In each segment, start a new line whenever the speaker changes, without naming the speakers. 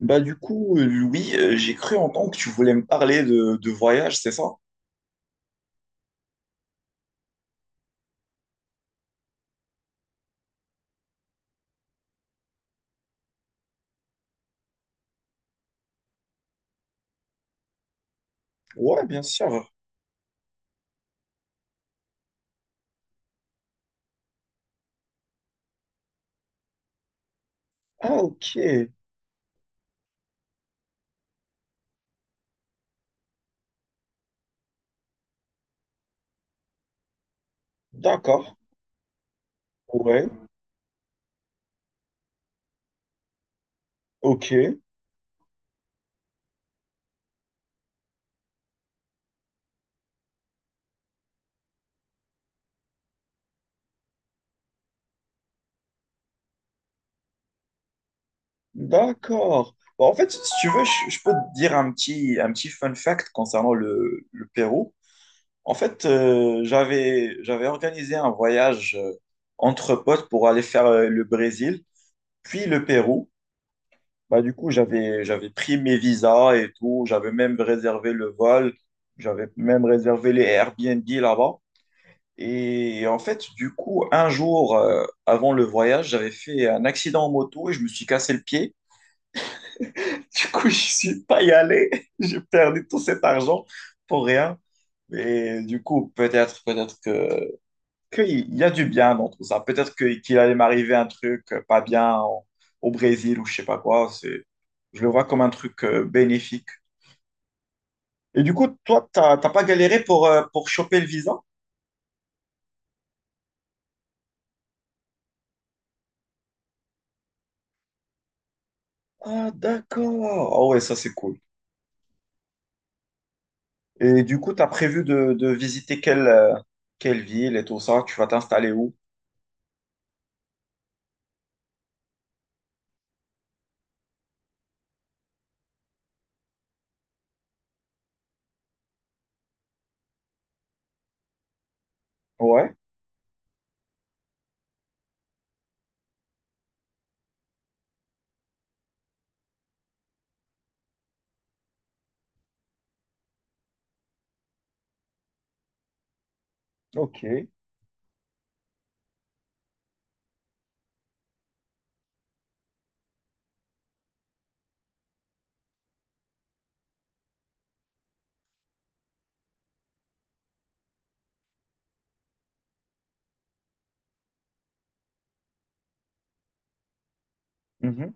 Louis, j'ai cru entendre que tu voulais me parler de voyage, c'est ça? Ouais, bien sûr. Ah ok, d'accord. Ouais, ok, d'accord. Bah, en fait, si tu veux, je peux te dire un petit fun fact concernant le Pérou. En fait, j'avais organisé un voyage entre potes pour aller faire le Brésil, puis le Pérou. Bah, du coup, j'avais pris mes visas et tout. J'avais même réservé le vol. J'avais même réservé les Airbnb là-bas. Et en fait, du coup, un jour avant le voyage, j'avais fait un accident en moto et je me suis cassé le pied. Du coup, je suis pas y allé. J'ai perdu tout cet argent pour rien. Et du coup, peut-être, peut-être que qu'il y a du bien dans tout ça. Qu'il allait m'arriver un truc pas bien au Brésil ou je sais pas quoi. Je le vois comme un truc bénéfique. Et du coup, toi, t'as pas galéré pour choper le visa? Ah, d'accord. Ah ouais, ça c'est cool. Et du coup, tu as prévu de visiter quelle, quelle ville et tout ça? Tu vas t'installer où? Ouais, ok. Mhm.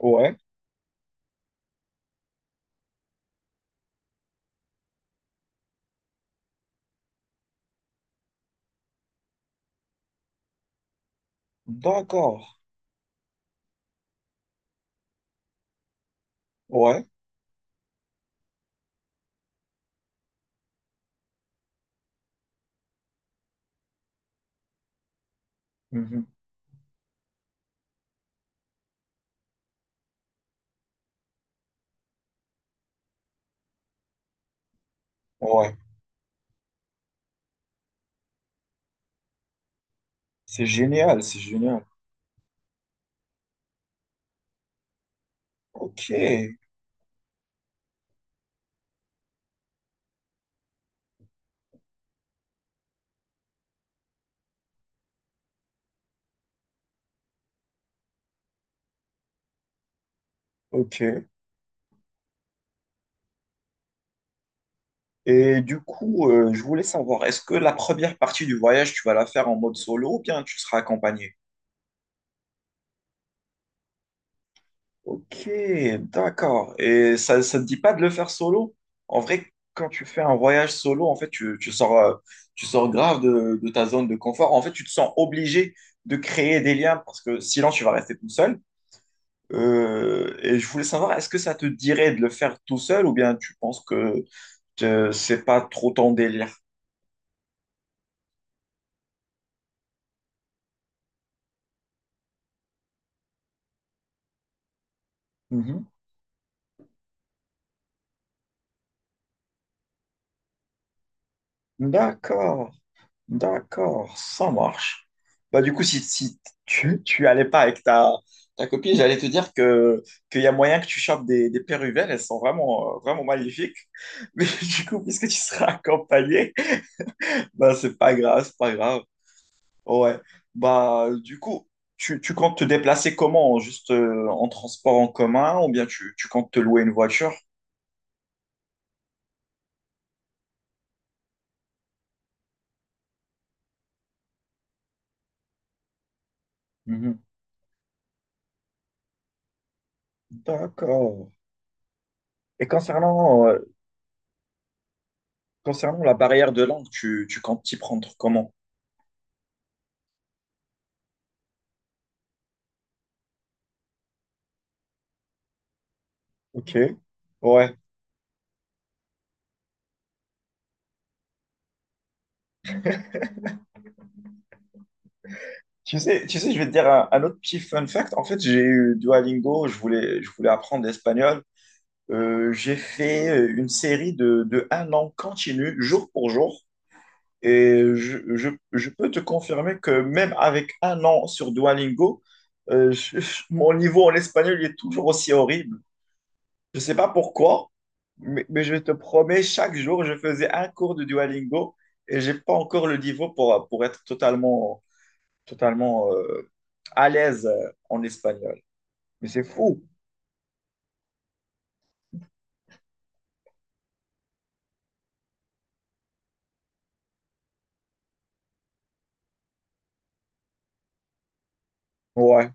Ouais, d'accord. Ouais. Mhm. Ouais. C'est génial, c'est génial. Ok, ok. Et du coup, je voulais savoir, est-ce que la première partie du voyage, tu vas la faire en mode solo ou bien tu seras accompagné? Ok, d'accord. Et ça te dit pas de le faire solo? En vrai, quand tu fais un voyage solo, en fait, tu sors, tu sors grave de ta zone de confort. En fait, tu te sens obligé de créer des liens parce que sinon, tu vas rester tout seul. Et je voulais savoir, est-ce que ça te dirait de le faire tout seul ou bien tu penses que c'est pas trop ton délire? Mhm. D'accord. D'accord, ça marche. Bah, du coup, si tu allais pas avec ta, ta copine, j'allais te dire qu'il y a moyen que tu chopes des péruvelles, elles sont vraiment, vraiment magnifiques. Mais du coup, puisque tu seras accompagné, bah, c'est pas grave, c'est pas grave. Ouais. Bah, du coup, tu comptes te déplacer comment? Juste en transport en commun ou bien tu comptes te louer une voiture? Mhm. D'accord. Et concernant, concernant la barrière de langue, tu comptes t'y prendre comment? Ok, ouais. Tu sais, je vais te dire un autre petit fun fact. En fait, j'ai eu Duolingo, je voulais apprendre l'espagnol. J'ai fait une série de un an continu, jour pour jour. Et je peux te confirmer que même avec un an sur Duolingo, mon niveau en espagnol il est toujours aussi horrible. Je ne sais pas pourquoi, mais je te promets, chaque jour, je faisais un cours de Duolingo et j'ai pas encore le niveau pour être totalement totalement à l'aise en espagnol. Mais c'est fou. Ouais,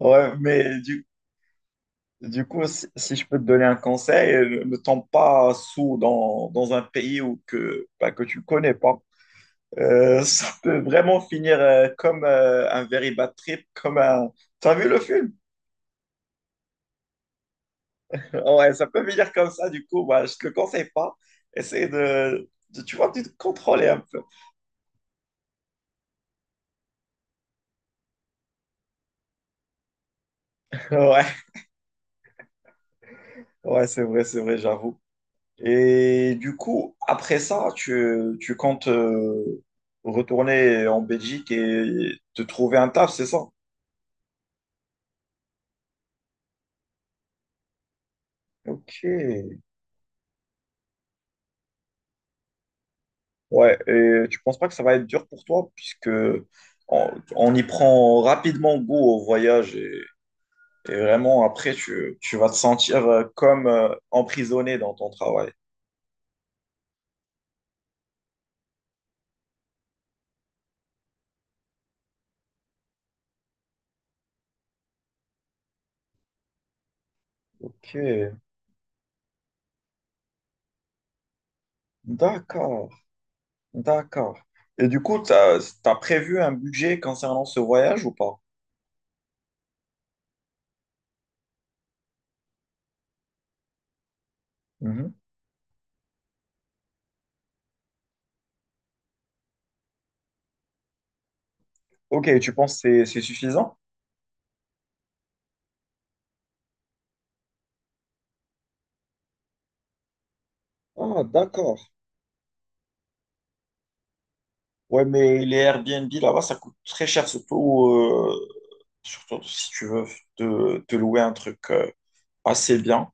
ouais, mais du coup, si, si je peux te donner un conseil, ne tombe pas sous dans un pays où que, bah, que tu connais pas. Ça peut vraiment finir comme un very bad trip, comme un... T'as vu le film? Ouais, ça peut finir comme ça, du coup, bah, je te le conseille pas. Essaye de, tu vois, de te contrôler un peu. Ouais, ouais, c'est vrai, j'avoue. Et du coup, après ça, tu comptes retourner en Belgique et te trouver un taf, c'est ça? Ok. Ouais, et tu penses pas que ça va être dur pour toi, puisque on, on y prend rapidement goût au voyage et vraiment après, tu vas te sentir comme emprisonné dans ton travail. Ok. D'accord, d'accord. Et du coup, t'as prévu un budget concernant ce voyage ou pas? Ok, tu penses que c'est suffisant? Ah, d'accord. Ouais, mais les Airbnb là-bas, ça coûte très cher, surtout, surtout si tu veux te louer un truc assez bien.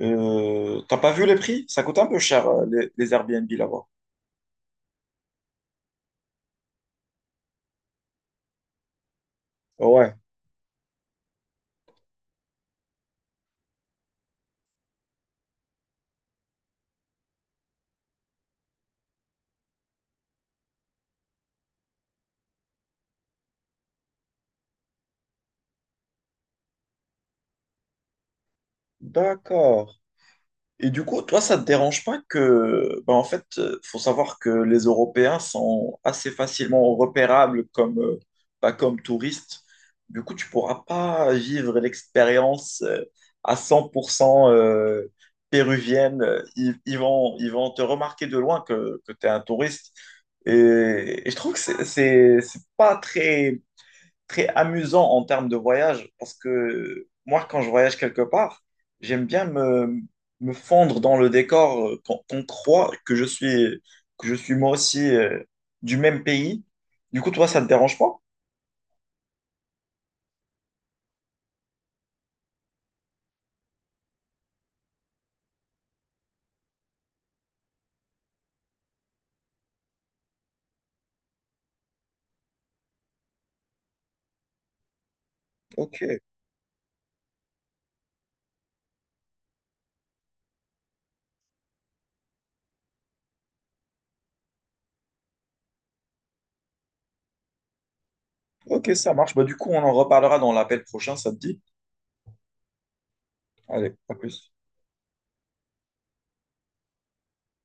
T'as pas vu les prix? Ça coûte un peu cher, les Airbnb là-bas. Ouais, d'accord. Et du coup, toi, ça te dérange pas que, ben, en fait, faut savoir que les Européens sont assez facilement repérables comme, pas comme touristes. Du coup, tu pourras pas vivre l'expérience à 100% péruvienne. Ils vont te remarquer de loin que tu es un touriste. Et je trouve que c'est pas très très amusant en termes de voyage parce que moi, quand je voyage quelque part, j'aime bien me fondre dans le décor qu'on qu'on croit que je suis moi aussi du même pays. Du coup, toi, ça ne te dérange pas? Ok. Ok, ça marche. Bah, du coup, on en reparlera dans l'appel prochain, ça te dit? Allez, à plus.